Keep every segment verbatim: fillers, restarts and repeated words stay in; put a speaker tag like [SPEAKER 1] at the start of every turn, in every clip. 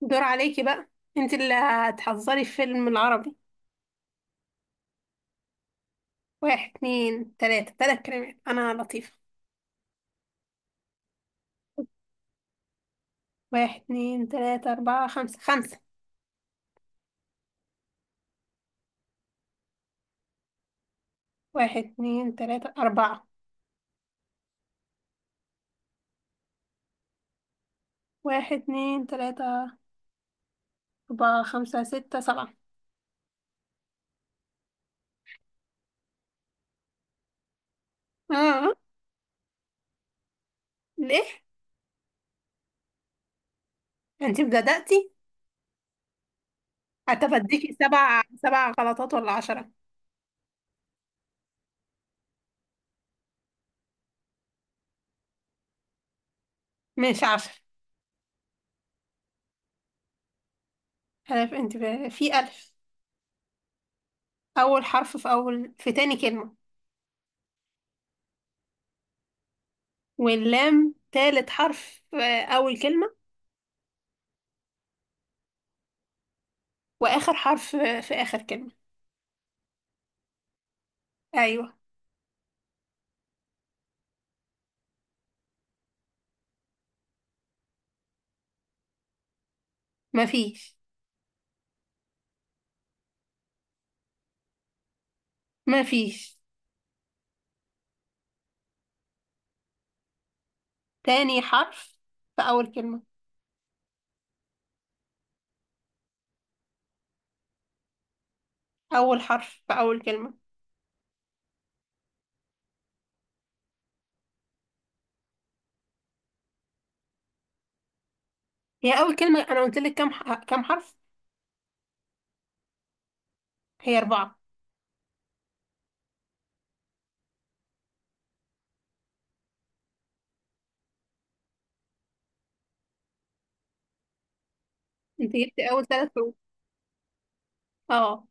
[SPEAKER 1] دور عليكي بقى. انت اللي هتحضري الفيلم العربي. واحد اتنين تلاتة، تلات كلمات. انا لطيفة. واحد اتنين تلاتة اربعة خمسة، خمسة. واحد اتنين تلاتة اربعة. واحد اتنين تلاتة اربعة خمسة ستة سبعة. اه. ليه؟ انت بدأتي. هتفديكي سبع سبع غلطات ولا عشرة؟ مش عشرة. هدف. انت ب- في الف. اول حرف في اول، في تاني كلمة. واللام تالت حرف في اول كلمة. واخر حرف في اخر كلمة. ايوه. مفيش. مفيش. تاني حرف في اول كلمة. اول حرف في اول كلمة. هي اول كلمة انا قلت لك كام ح- كام حرف؟ هي اربعة. انت جبت اول ثلاث حروف. اه.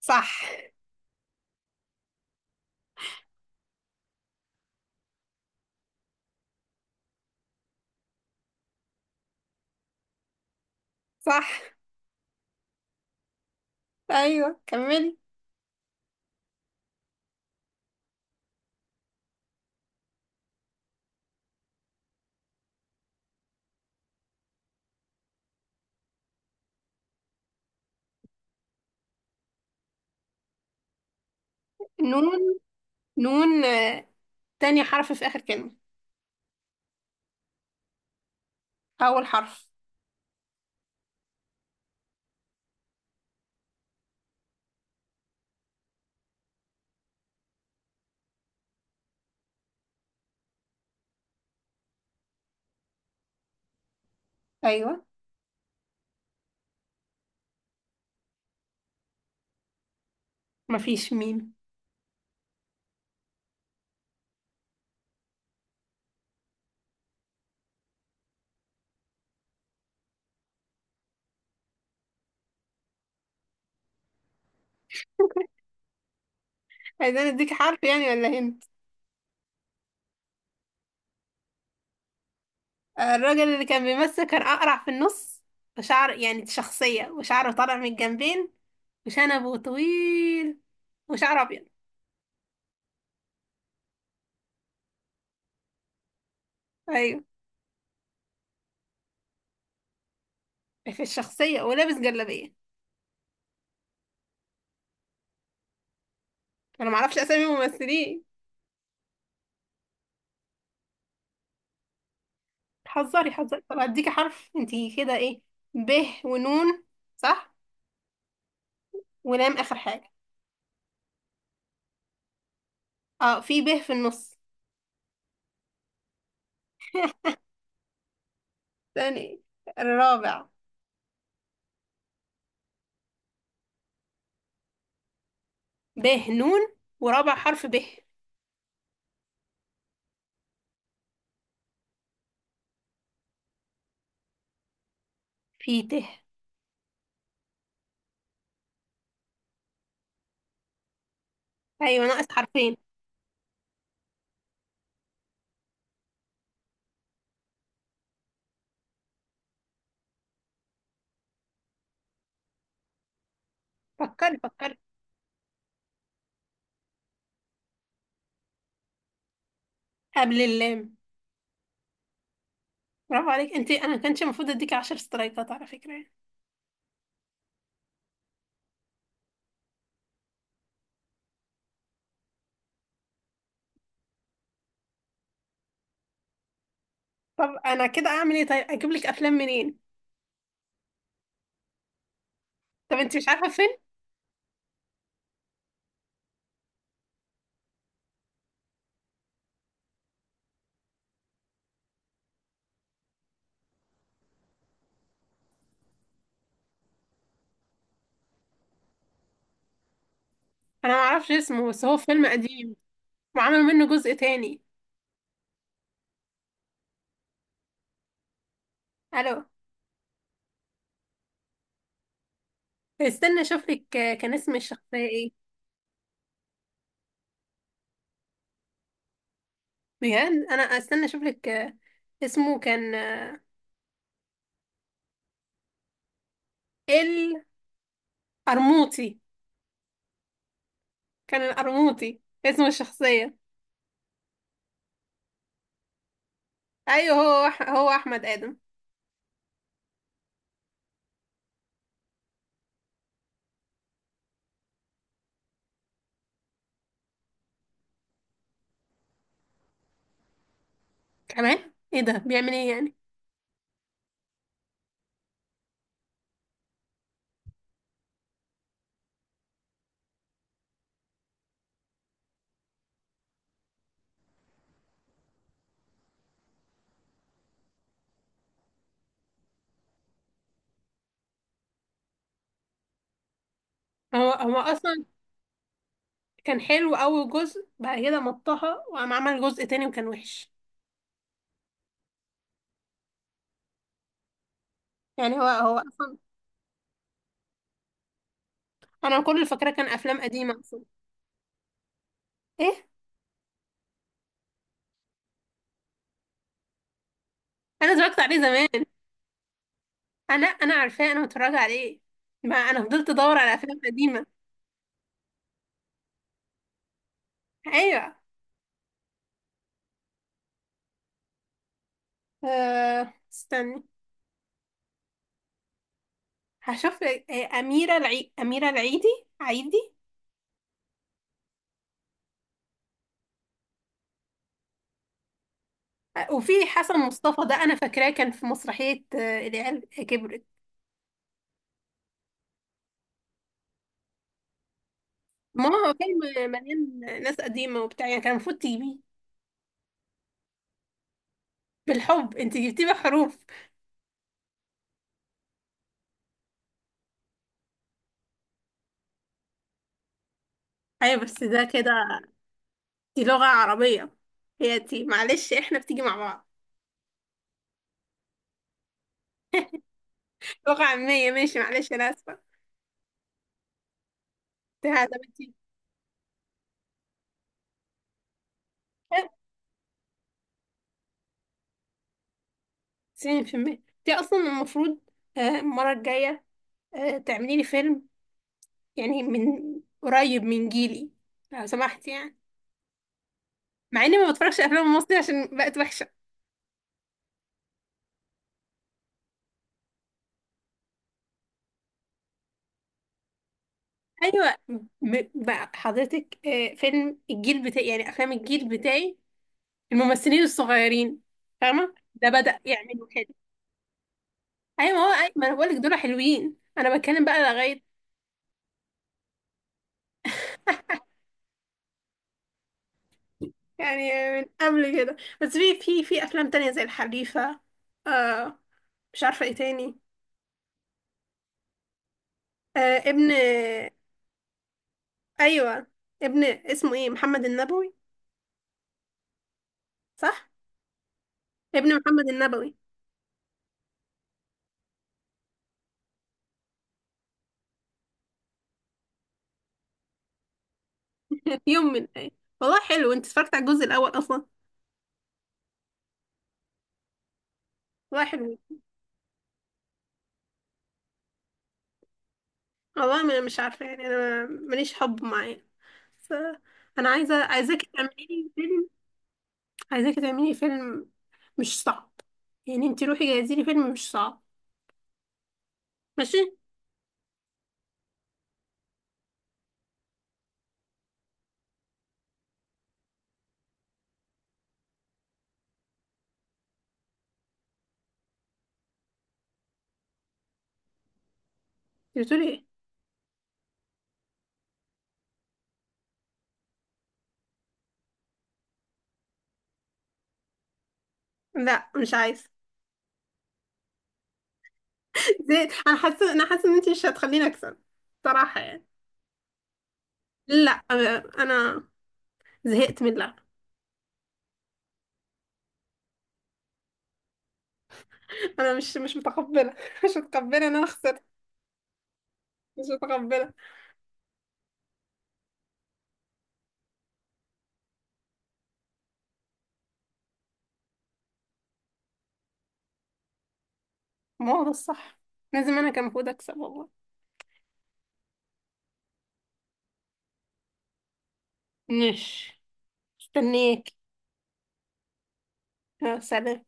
[SPEAKER 1] صح. صح. ايوه كملي. نون، نون آه،. تاني حرف في اخر كلمة. اول حرف. ايوه. مفيش ميم. عايزين اديك حرف يعني ولا هنا؟ الراجل اللي كان بيمثل كان أقرع في النص، وشعر يعني شخصية وشعره طالع من الجنبين، وشنبه طويل، وشعره أبيض. أيوة، في الشخصية، ولابس جلابية. أنا معرفش أسامي الممثلين. حذري حذري. طب هديكي حرف انتي كده، ايه؟ ب ونون. صح. ولام آخر حاجة. اه، في ب في النص. تاني. الرابع. ب نون ورابع حرف ب. في ت. أيوة، ناقص حرفين. فكري فكري. قبل اللام. برافو عليك. انت انا كانش المفروض اديك عشر سترايكات على فكره يعني. طب انا كده اعمل ايه؟ طيب اجيب لك افلام منين؟ طب انت مش عارفه فيلم؟ انا ما اعرفش اسمه، بس هو فيلم قديم وعملوا منه جزء تاني. الو؟ استنى اشوف لك آه، كان اسم الشخصيه ايه. بجد، انا استنى اشوف لك آه، اسمه كان آه، القرموطي. كان القرموطي اسم الشخصيه. ايوه، هو أح- هو احمد ادم. كمان ايه ده؟ بيعمل ايه يعني؟ هو هو اصلا كان حلو أول جزء، بعد كده مطها وقام عمل جزء تاني وكان وحش. يعني هو هو أصلا. أنا كل اللي فاكراه كان أفلام قديمة أصلا. إيه؟ أنا اتفرجت عليه زمان. أنا أنا عارفاه، أنا متفرجة عليه. ما أنا فضلت أدور على أفلام قديمة. أيوه. أه استني. هشوف لك- آه، أميرة العي... أميرة العيدي. عيدي. آه، وفي حسن مصطفى، ده أنا فاكراه كان في مسرحية آه، العيال كبرت. ما هو فيلم مليان ناس قديمة وبتاع، يعني كان المفروض تجيبيه. بالحب، انت جبتيه بحروف. ايوه بس ده كده. دي لغة عربية. هي دي معلش احنا، بتيجي مع بعض. لغة عامية، ماشي، معلش انا اسفة. ده ده بتيجي. تسعين في المية دي اصلا المفروض. آه، المرة الجاية آه، تعملي لي فيلم، يعني من قريب من جيلي، لو سمحت يعني. مع اني ما بتفرجش افلام مصري عشان بقت وحشة. ايوه. م- بقى حضرتك آه، فيلم الجيل بتاعي، يعني افلام الجيل بتاعي، الممثلين الصغيرين، فاهمة؟ ده بدأ يعملوا كده. ايوه ما هو ايوه، ما انا بقولك دول حلوين، انا بتكلم بقى لغايه يعني من قبل كده. بس في في في افلام تانية زي الحريفه. آه. مش عارفه ايه تاني. آه، ابن. ايوه، ابن اسمه ايه، محمد النبوي. صح. ابن محمد النبوي. يوم من ايه! والله حلو. انت اتفرجت على الجزء الاول اصلا؟ والله حلو. والله ما مش عارفه يعني. انا ماليش حب معاه، بس انا عايزه، عايزاكي تعملي لي فيلم. عايزاكي تعملي لي فيلم مش صعب. يعني انت روحي جهزي لي فيلم مش صعب. ماشي. بتقولي ايه؟ لا مش عايزه. زي. انا حاسه انا حاسه ان انت مش هتخليني اكسب. صراحه يعني. لا أنا... انا زهقت من اللعب. انا مش مش متقبله. مش متقبله ان انا خسرت. مش متقبله. ما هو ده الصح، لازم انا كان المفروض اكسب، والله. ماشي. استنيك. يا سلام.